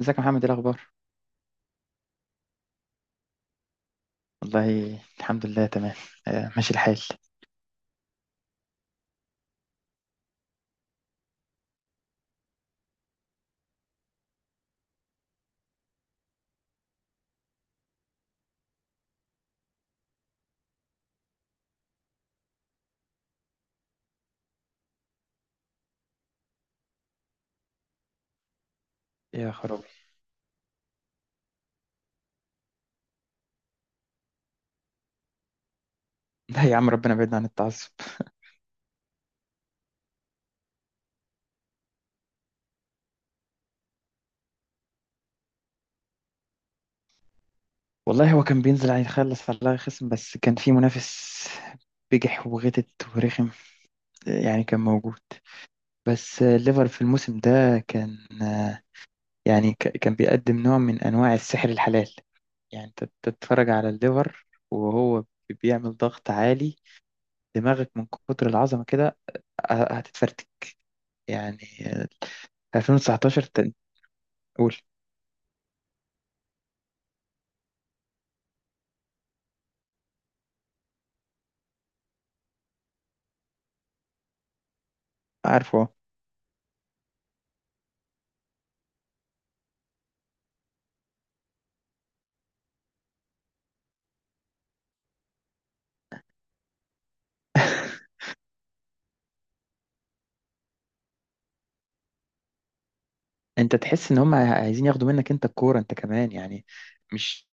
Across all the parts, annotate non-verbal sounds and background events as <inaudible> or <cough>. ازيك يا محمد؟ ايه الاخبار؟ والله الحمد لله تمام. آه، ماشي الحال. يا خرابي! لا يا عم، ربنا يبعدنا عن التعصب. والله هو كان بينزل على يخلص على الله خصم، بس كان في منافس بجح وغتت ورخم. آه، يعني كان موجود. بس الليفر في الموسم ده كان آه، يعني كان بيقدم نوع من انواع السحر الحلال. يعني انت تتفرج على الليفر وهو بيعمل ضغط عالي، دماغك من كتر العظمة كده هتتفرتك يعني. آه، 2019 تقول؟ عارفه. انت تحس ان هم عايزين ياخدوا منك انت الكوره انت كمان يعني. مش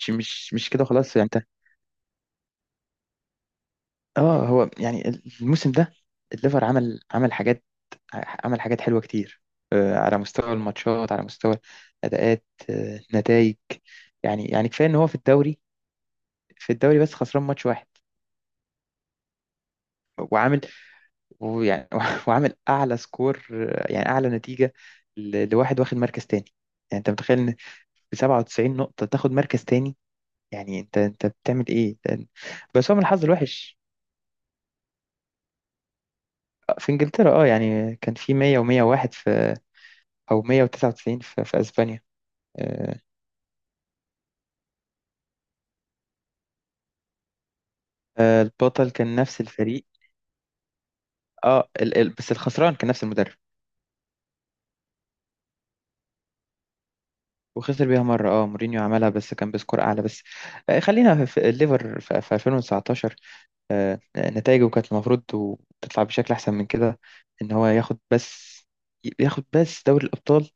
مش كده خلاص يعني انت. اه هو يعني الموسم ده الليفر عمل حاجات، عمل حاجات حلوه كتير. آه، على مستوى الماتشات، على مستوى اداءات، نتائج. يعني كفايه ان هو في الدوري، في الدوري بس خسران ماتش واحد، وعامل. ويعني <laughs> وعامل اعلى سكور، آه، يعني اعلى نتيجه لواحد واخد مركز تاني. يعني انت متخيل ان ب 97 نقطه تاخد مركز تاني؟ يعني انت انت بتعمل ايه بس هو من الحظ الوحش. في انجلترا اه، يعني كان في 100 و101 في او 199 في, في اسبانيا. آه، آه، البطل كان نفس الفريق. اه بس الخسران كان نفس المدرب. وخسر بيها مرة. اه، مورينيو عملها بس كان بسكور اعلى بس. آه، خلينا في في الليفر في في 2019. آه، نتائجه كانت المفروض تطلع بشكل أحسن من كده، إن هو ياخد بس، ياخد بس دوري الأبطال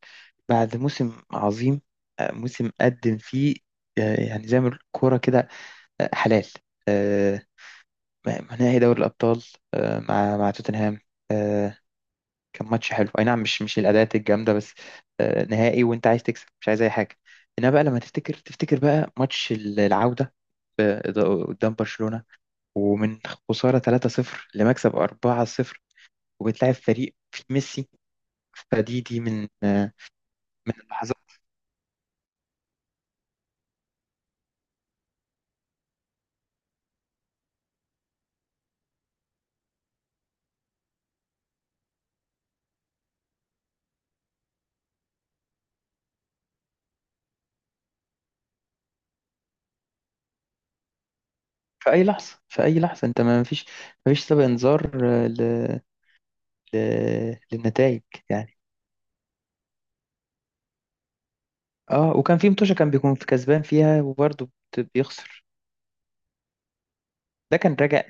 بعد موسم عظيم. آه، موسم قدم فيه آه، يعني زي ما بنقول كورة كده، آه، حلال. آه، نهائي دوري الأبطال آه، مع مع توتنهام. آه، كان ماتش حلو أي نعم، مش الأداءات الجامدة بس. آه، نهائي وأنت عايز تكسب، مش عايز أي حاجة. إنما بقى لما تفتكر بقى ماتش العودة، آه، قدام برشلونة، ومن خسارة 3-0 لمكسب 4-0 وبتلاعب فريق فيه ميسي. فدي من آه، من اللحظات. في أي لحظة، في أي لحظة، أنت ما فيش، ما فيش سابق إنذار آه، ل... للنتائج يعني. اه وكان في متوشة كان بيكون في كسبان فيها وبرضه بيخسر. ده كان راجع.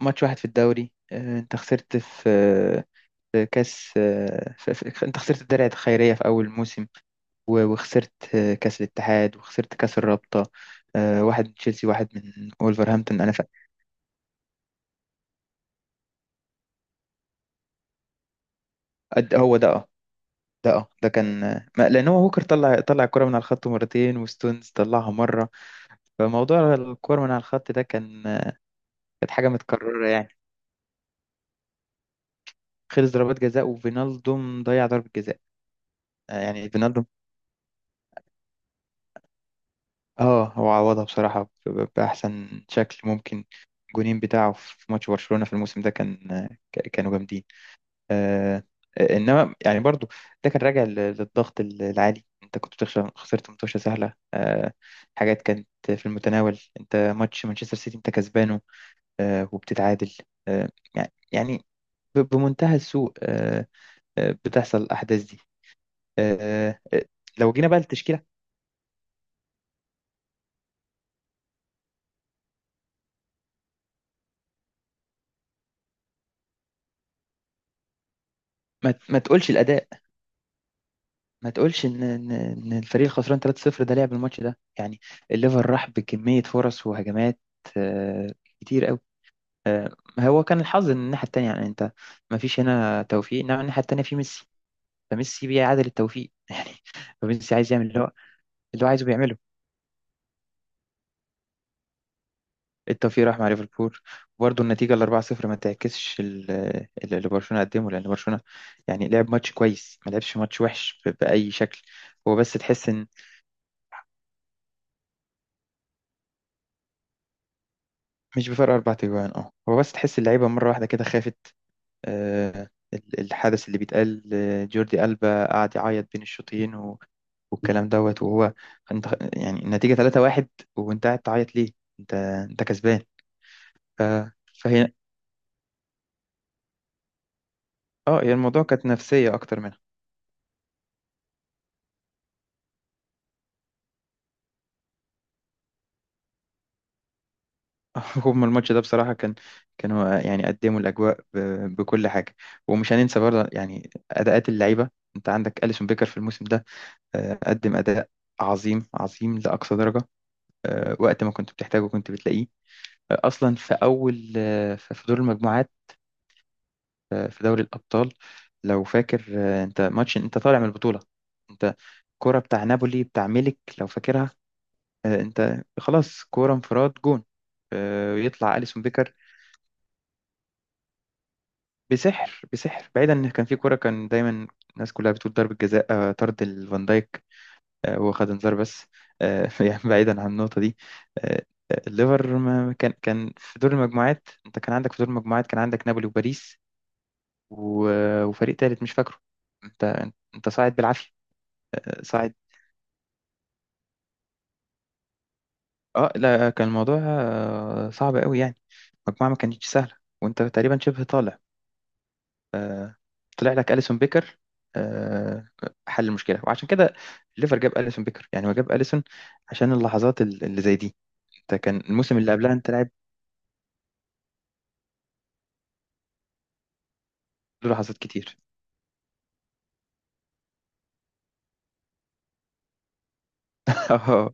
ماتش واحد في الدوري. آه، انت خسرت في آه، في كاس آه، انت خسرت الدرع الخيرية في أول موسم، وخسرت آه، كأس الاتحاد، وخسرت كأس الرابطة. آه، واحد من تشيلسي، واحد من ولفرهامبتون. أنا هو ده اه، ده اه ده كان آه، لأن هو هوكر طلع، طلع الكرة من على الخط مرتين، وستونز طلعها مرة. فموضوع الكرة من على الخط ده كان آه، كانت حاجة متكررة يعني. خلص ضربات جزاء وفينالدوم ضيع ضربة جزاء. آه، يعني فينالدوم اه هو عوضها بصراحة بأحسن شكل ممكن. الجونين بتاعه في ماتش برشلونة في الموسم ده كان آه، كانوا جامدين. آه، آه، انما يعني برضو ده كان راجع للضغط العالي. انت كنت بتخسر، خسرت متوشه سهله، آه، حاجات كانت في المتناول. انت ماتش مانشستر سيتي انت كسبانه، آه، وبتتعادل. آه، يعني بمنتهى السوء. آه، آه، بتحصل الاحداث دي. آه، آه، لو جينا بقى للتشكيله. ما تقولش الاداء، ما تقولش ان إن الفريق الخسران 3-0 ده لعب الماتش ده يعني. الليفر راح بكميه فرص وهجمات آه، كتير. آه، هو كان الحظ ان الناحيه التانيه، يعني انت ما فيش هنا توفيق، انما الناحيه التانيه في ميسي، فميسي بيعادل التوفيق <laughs> يعني. فميسي عايز يعمل اللي هو، اللي هو عايزه بيعمله. التوفيق راح مع ليفربول، وبرضه النتيجه ال 4-0 ما تعكسش اللي برشلونه قدمه، لان برشلونه يعني لعب ماتش كويس، ما لعبش ماتش وحش باي شكل. هو بس تحس ان مش بفرق اربع تجوان. اه هو بس تحس اللعيبه مره واحده كده خافت. آه، الحدث اللي بيتقال آه، جوردي ألبا قعد يعيط بين الشوطين والكلام دوت، وهو انت يعني النتيجة 3-1 وانت قاعد تعيط ليه؟ انت انت كسبان. ف... فهي اه، هي الموضوع كانت نفسية أكتر منها. <laughs> هم الماتش ده بصراحة كان، كانوا يعني قدموا الأجواء بكل حاجة. ومش هننسى برضه يعني أداءات اللعيبة. انت عندك أليسون بيكر في الموسم ده آه، قدم أداء عظيم، عظيم لأقصى درجة. آه، وقت ما كنت بتحتاجه كنت بتلاقيه. آه، أصلا في أول آه، في في دور المجموعات في دوري الأبطال لو فاكر. آه، أنت ماتش أنت طالع من البطولة. أنت كرة بتاع نابولي بتاع ميلك لو فاكرها. آه، أنت خلاص كرة انفراد جون، آه، يطلع أليسون بيكر. بسحر، بسحر. بعيدا إن كان في كرة كان دايما الناس كلها بتقول ضربة جزاء، آه، طرد الفان دايك. آه، هو خد انذار بس. آه، <laughs> يعني بعيدا عن النقطة دي. آه، آه، الليفر ما كان، كان في دور المجموعات، أنت كان عندك في دور المجموعات كان عندك نابولي وباريس، آه، وفريق تالت مش فاكره. أنت أنت صاعد بالعافية. ساعد. اه لا كان الموضوع آه، صعب قوي يعني. المجموعة ما كانتش سهلة وانت تقريبا شبه طالع، طلع لك أليسون بيكر. آه، حل المشكلة. وعشان كده ليفر جاب أليسون بيكر. يعني هو جاب أليسون عشان اللحظات اللي زي دي. انت كان الموسم اللي قبلها انت لاعب. له لحظات كتير. <laughs> اه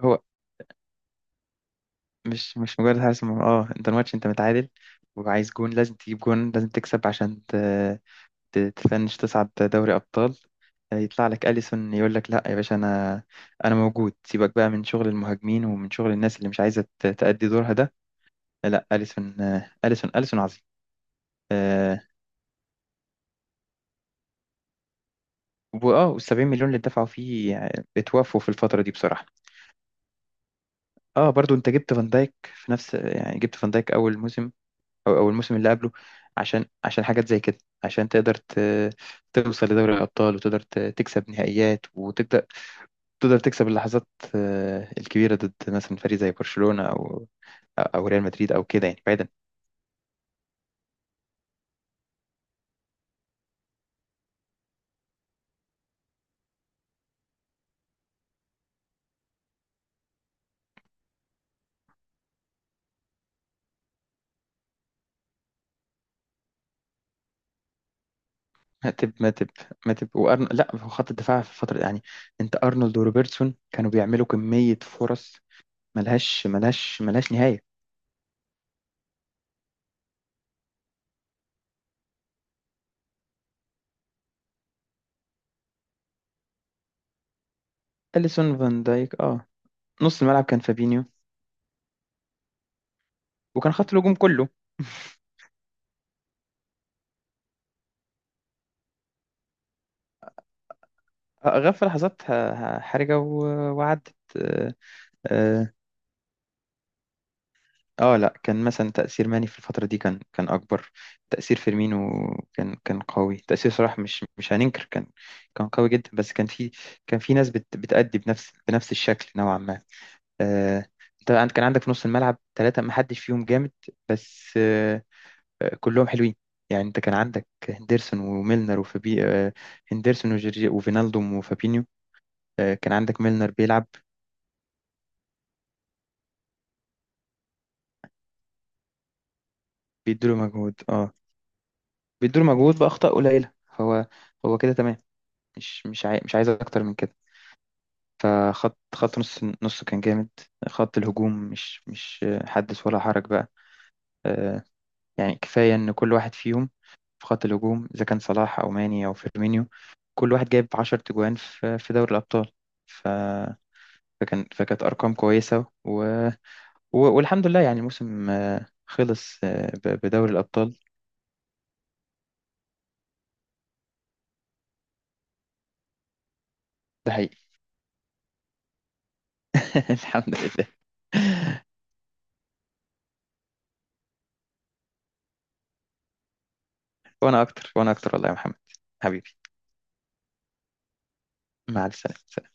هو مش مجرد حارس مرمى. اه انت الماتش انت متعادل وعايز جون، لازم تجيب جون، لازم تكسب عشان تفنش تصعد دوري أبطال. يطلع لك أليسون يقول لك لا يا باشا، أنا أنا موجود. سيبك بقى من شغل المهاجمين ومن شغل الناس اللي مش عايزة تأدي دورها ده. لا أليسون، أليسون عظيم. آه، وآه والسبعين مليون اللي دفعوا فيه آه، اتوافوا في الفترة دي بصراحة. اه برضو انت جبت فان دايك في نفس، يعني جبت فان دايك اول موسم او اول موسم اللي قبله عشان، عشان حاجات زي كده، عشان تقدر توصل لدوري الابطال، وتقدر تكسب نهائيات، وتقدر، تقدر تكسب اللحظات آه، الكبيرة ضد مثلا فريق زي برشلونة أو أو ريال مدريد أو كده يعني بعيدا. ماتب، ماتب لا هو خط الدفاع في الفترة دي، يعني أنت أرنولد وروبرتسون كانوا بيعملوا كمية فرص ملهاش ملهاش نهاية. أليسون، فان دايك اه، نص الملعب كان فابينيو. وكان خط الهجوم كله آه، غاب في لحظات حرجة وعدت آه، آه، اه لا كان مثلا تأثير ماني في الفترة دي كان أكبر. تأثير فيرمينو كان قوي. تأثير صلاح مش هننكر كان، كان قوي جدا، بس كان في، كان في ناس بت بتأدي بنفس، بنفس الشكل نوعا ما. آه، انت كان عندك في نص الملعب ثلاثة ما حدش فيهم جامد، بس آه آه، كلهم حلوين. يعني انت كان عندك هندرسون وميلنر وفابي آه، هندرسون وجورجي وفينالدوم وفابينيو. آه كان عندك ميلنر بيلعب، بيدوله مجهود اه، بيدوله مجهود بأخطاء قليلة. هو، هو كده تمام، مش عايز اكتر من كده. فخط، خط نص، نص كان جامد. خط الهجوم مش حدث ولا حرج بقى. آه، يعني كفاية ان كل واحد فيهم في خط الهجوم اذا كان صلاح او ماني او فيرمينيو، كل واحد جايب 10 تجوان في في دوري الابطال. ف... فكان، فكانت ارقام كويسة والحمد لله. يعني الموسم آه، خلص آه، بدوري الابطال. ده حقيقي. <laughs> الحمد لله. <laughs> وانا اكتر، وانا اكتر والله يا محمد. حبيبي. مع السلامة.